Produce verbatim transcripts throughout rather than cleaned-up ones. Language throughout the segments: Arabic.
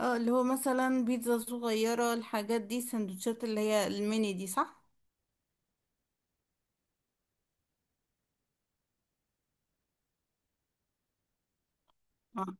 اه، اللي هو مثلا بيتزا صغيرة، الحاجات دي السندوتشات اللي هي الميني دي، صح؟ اه،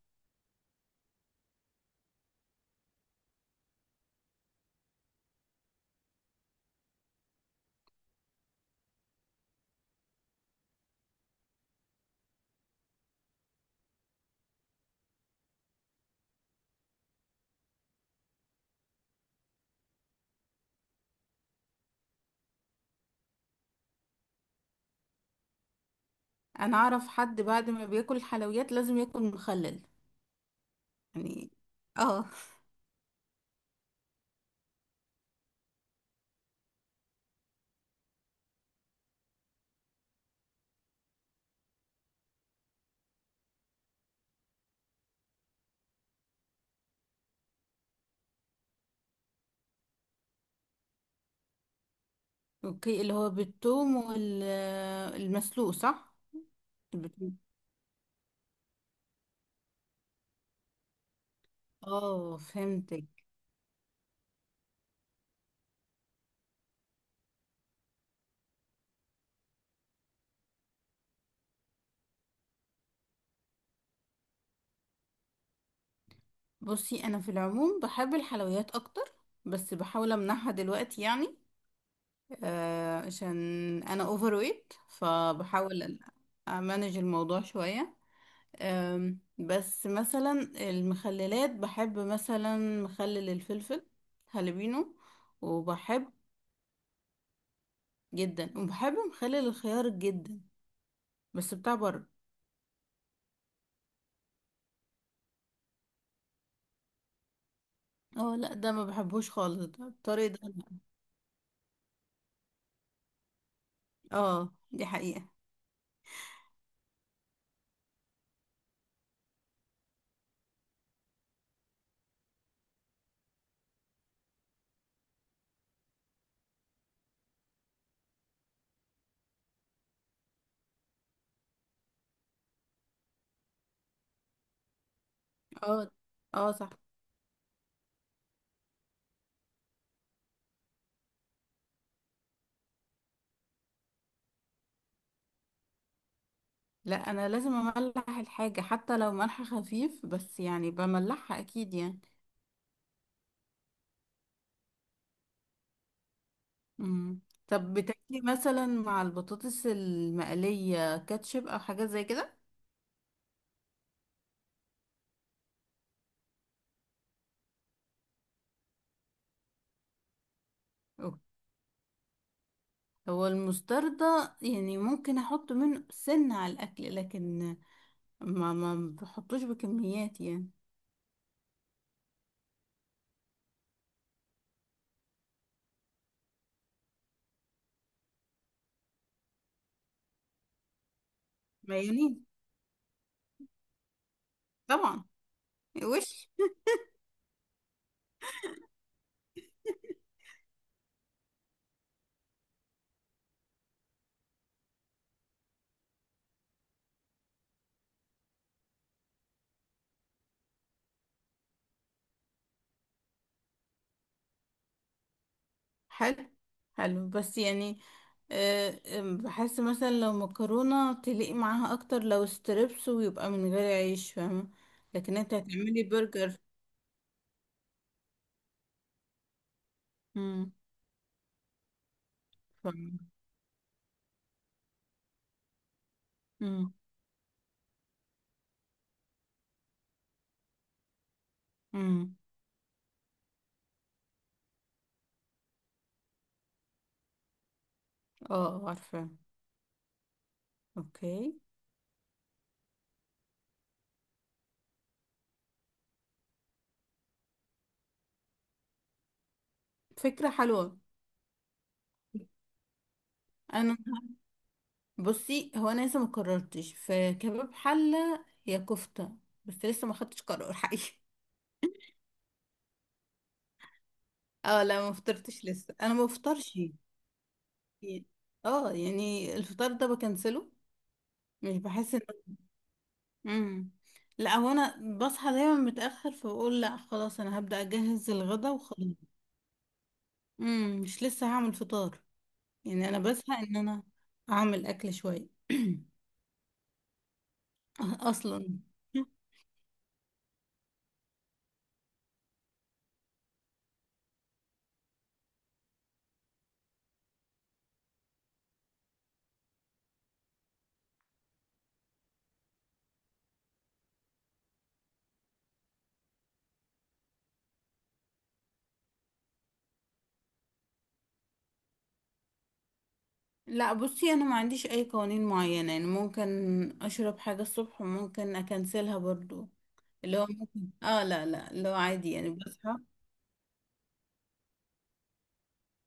انا اعرف حد بعد ما بياكل الحلويات لازم ياكل مخلل. يعني. اه. اوكي، اللي هو بالثوم والمسلوق، صح؟ بالثوم. اه، فهمتك. بصي، انا في العموم بحب الحلويات اكتر، بس بحاول امنعها دلوقتي يعني. آه عشان انا اوفر ويت، فبحاول امانج الموضوع شوية. أم، بس مثلا المخللات، بحب مثلا مخلل الفلفل هالبينو، وبحب جدا. وبحب مخلل الخيار جدا، بس بتاع بره. اه لا، ده ما بحبوش خالص، ده الطريقة ده لأ. اه، دي حقيقة. اه اه، صح. لا، انا لازم املح الحاجة حتى لو ملح خفيف، بس يعني بملحها اكيد يعني. مم. طب بتاكلي مثلا مع البطاطس المقلية كاتشب او حاجات زي كده؟ هو المستردة يعني ممكن احط منه سنة على الاكل، لكن ما ما بحطوش بكميات يعني. مايونيز. طبعا. وش. حلو. حلو بس يعني، آه، آه، بحس مثلا لو مكرونة تليق معاها اكتر، لو ستريبس ويبقى من غير عيش، فاهمة؟ لكن انت هتعملي برجر. امم. فاهمة. امم. امم. اه، عارفة. اوكي. فكرة حلوة. انا، بصي هو انا لسه ما قررتش، في كباب حله يا كفته، بس لسه ما خدتش قرار حقيقي. اه لا، ما فطرتش لسه، انا ما بفطرش. يعني- اه، يعني الفطار ده بكنسله، مش بحس ان. امم. لا، هو انا بصحى دايما متاخر، فبقول لا خلاص انا هبدا اجهز الغدا وخلاص. امم، مش لسه هعمل فطار. يعني انا بزهق ان انا اعمل اكل شويه. اصلا. لا، بصي انا ما عنديش اي قوانين معينة، يعني ممكن اشرب حاجة الصبح، وممكن اكنسلها برضو. اللي هو ممكن اه، لا لا، اللي هو عادي يعني بصحى.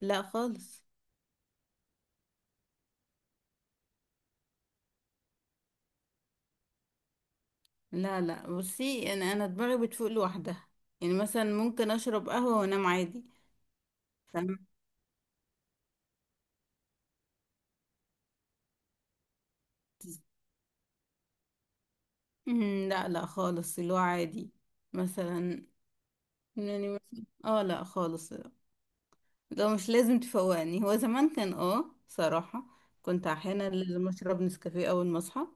لا خالص. لا لا، بصي يعني انا دماغي بتفوق لوحدها. يعني مثلا ممكن اشرب قهوة وانام عادي. فاهمة. أمم، لا لا خالص، اللي هو عادي. مثلا. يعني مثلا اه لا خالص، ده مش لازم تفوقني. هو زمان كان اه صراحة كنت احيانا لازم اشرب نسكافيه اول ما اصحى.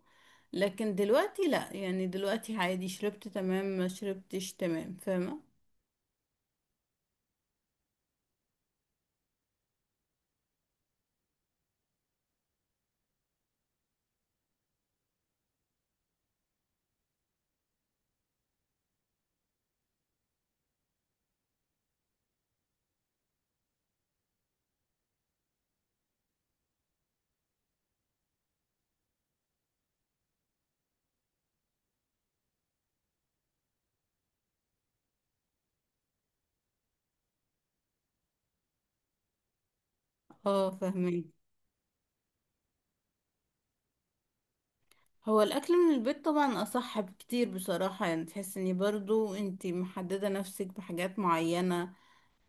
لكن دلوقتي لا، يعني دلوقتي عادي، شربت تمام، ما شربتش تمام، فاهمة؟ اه، فاهمين. هو الاكل من البيت طبعا اصح بكتير بصراحة، يعني تحس اني برضو انتي محددة نفسك بحاجات معينة.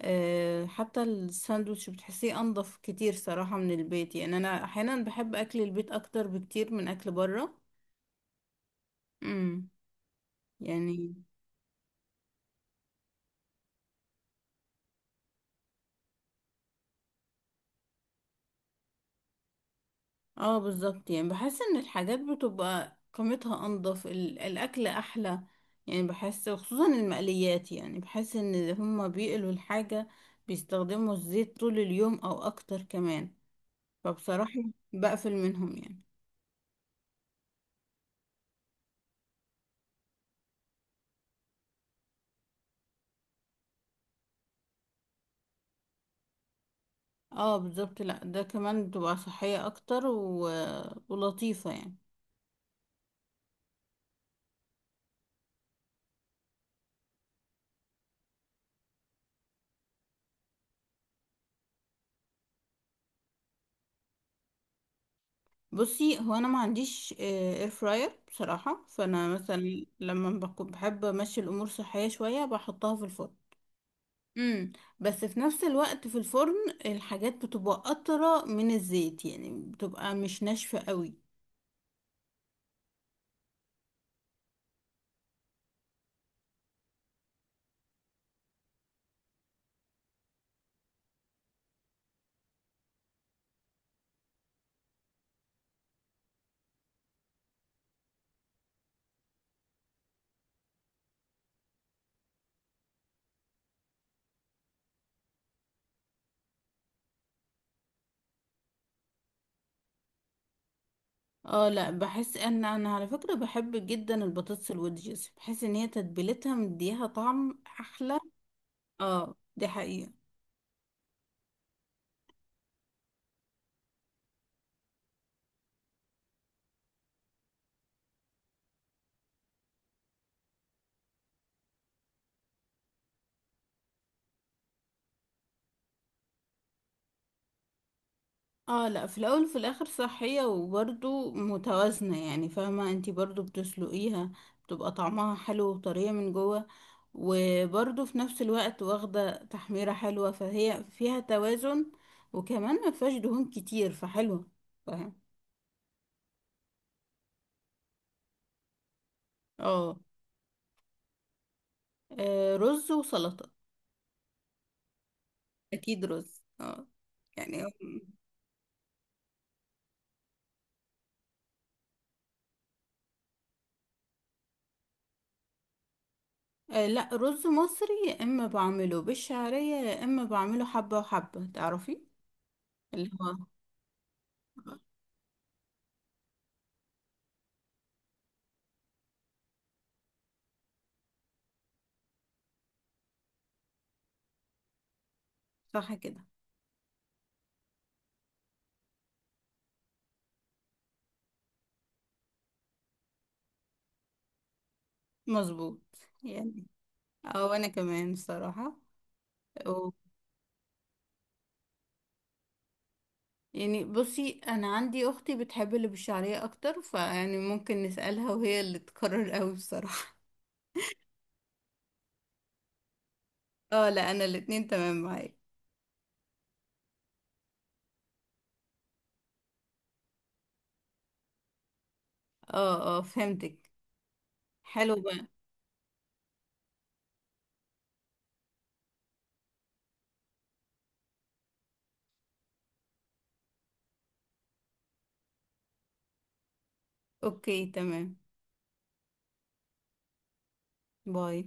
أه، حتى الساندوتش بتحسيه انضف كتير صراحة من البيت، يعني انا احيانا بحب اكل البيت اكتر بكتير من اكل بره. امم. يعني، اه بالظبط، يعني بحس ان الحاجات بتبقى قيمتها انضف، ال- الاكل احلى. يعني بحس خصوصا المقليات، يعني بحس ان هما بيقلوا الحاجة، بيستخدموا الزيت طول اليوم او اكتر كمان. فبصراحة بقفل منهم يعني. اه بالظبط، لا ده كمان بتبقى صحية اكتر، و... ولطيفة يعني. بصي هو انا ما عنديش اير فراير بصراحة، فانا مثلا لما بكون- بحب امشي الامور صحية شوية، بحطها في الفرن. امم. بس في نفس الوقت في الفرن، الحاجات بتبقى قطرة من الزيت، يعني بتبقى مش ناشفة قوي. اه لا، بحس ان انا على فكرة بحب جدا البطاطس الودجز، بحس ان هي تتبيلتها مديها طعم احلى. اه، دي حقيقة. اه لا، في الاول وفي الاخر صحية وبرضو متوازنة، يعني فاهمة انتي برضو بتسلقيها، بتبقى طعمها حلو وطرية من جوه، وبرضو في نفس الوقت واخدة تحميرة حلوة، فهي فيها توازن. وكمان ما فيهاش دهون كتير، فحلوة. فاهم. اه. آه، رز وسلطة. اكيد رز، اه يعني. آه لا، رز مصري، يا اما بعمله بالشعرية، يا اما بعمله حبة وحبة، تعرفي. اللي هو. صح كده. مظبوط. يعني. او انا كمان الصراحة. و... يعني بصي، انا عندي اختي بتحب اللي بالشعرية اكتر، فيعني ممكن نسألها وهي اللي تقرر قوي بصراحة. اه لا، انا الاتنين تمام معايا. اه اه، فهمتك. حلو بقى. اوكي تمام. باي.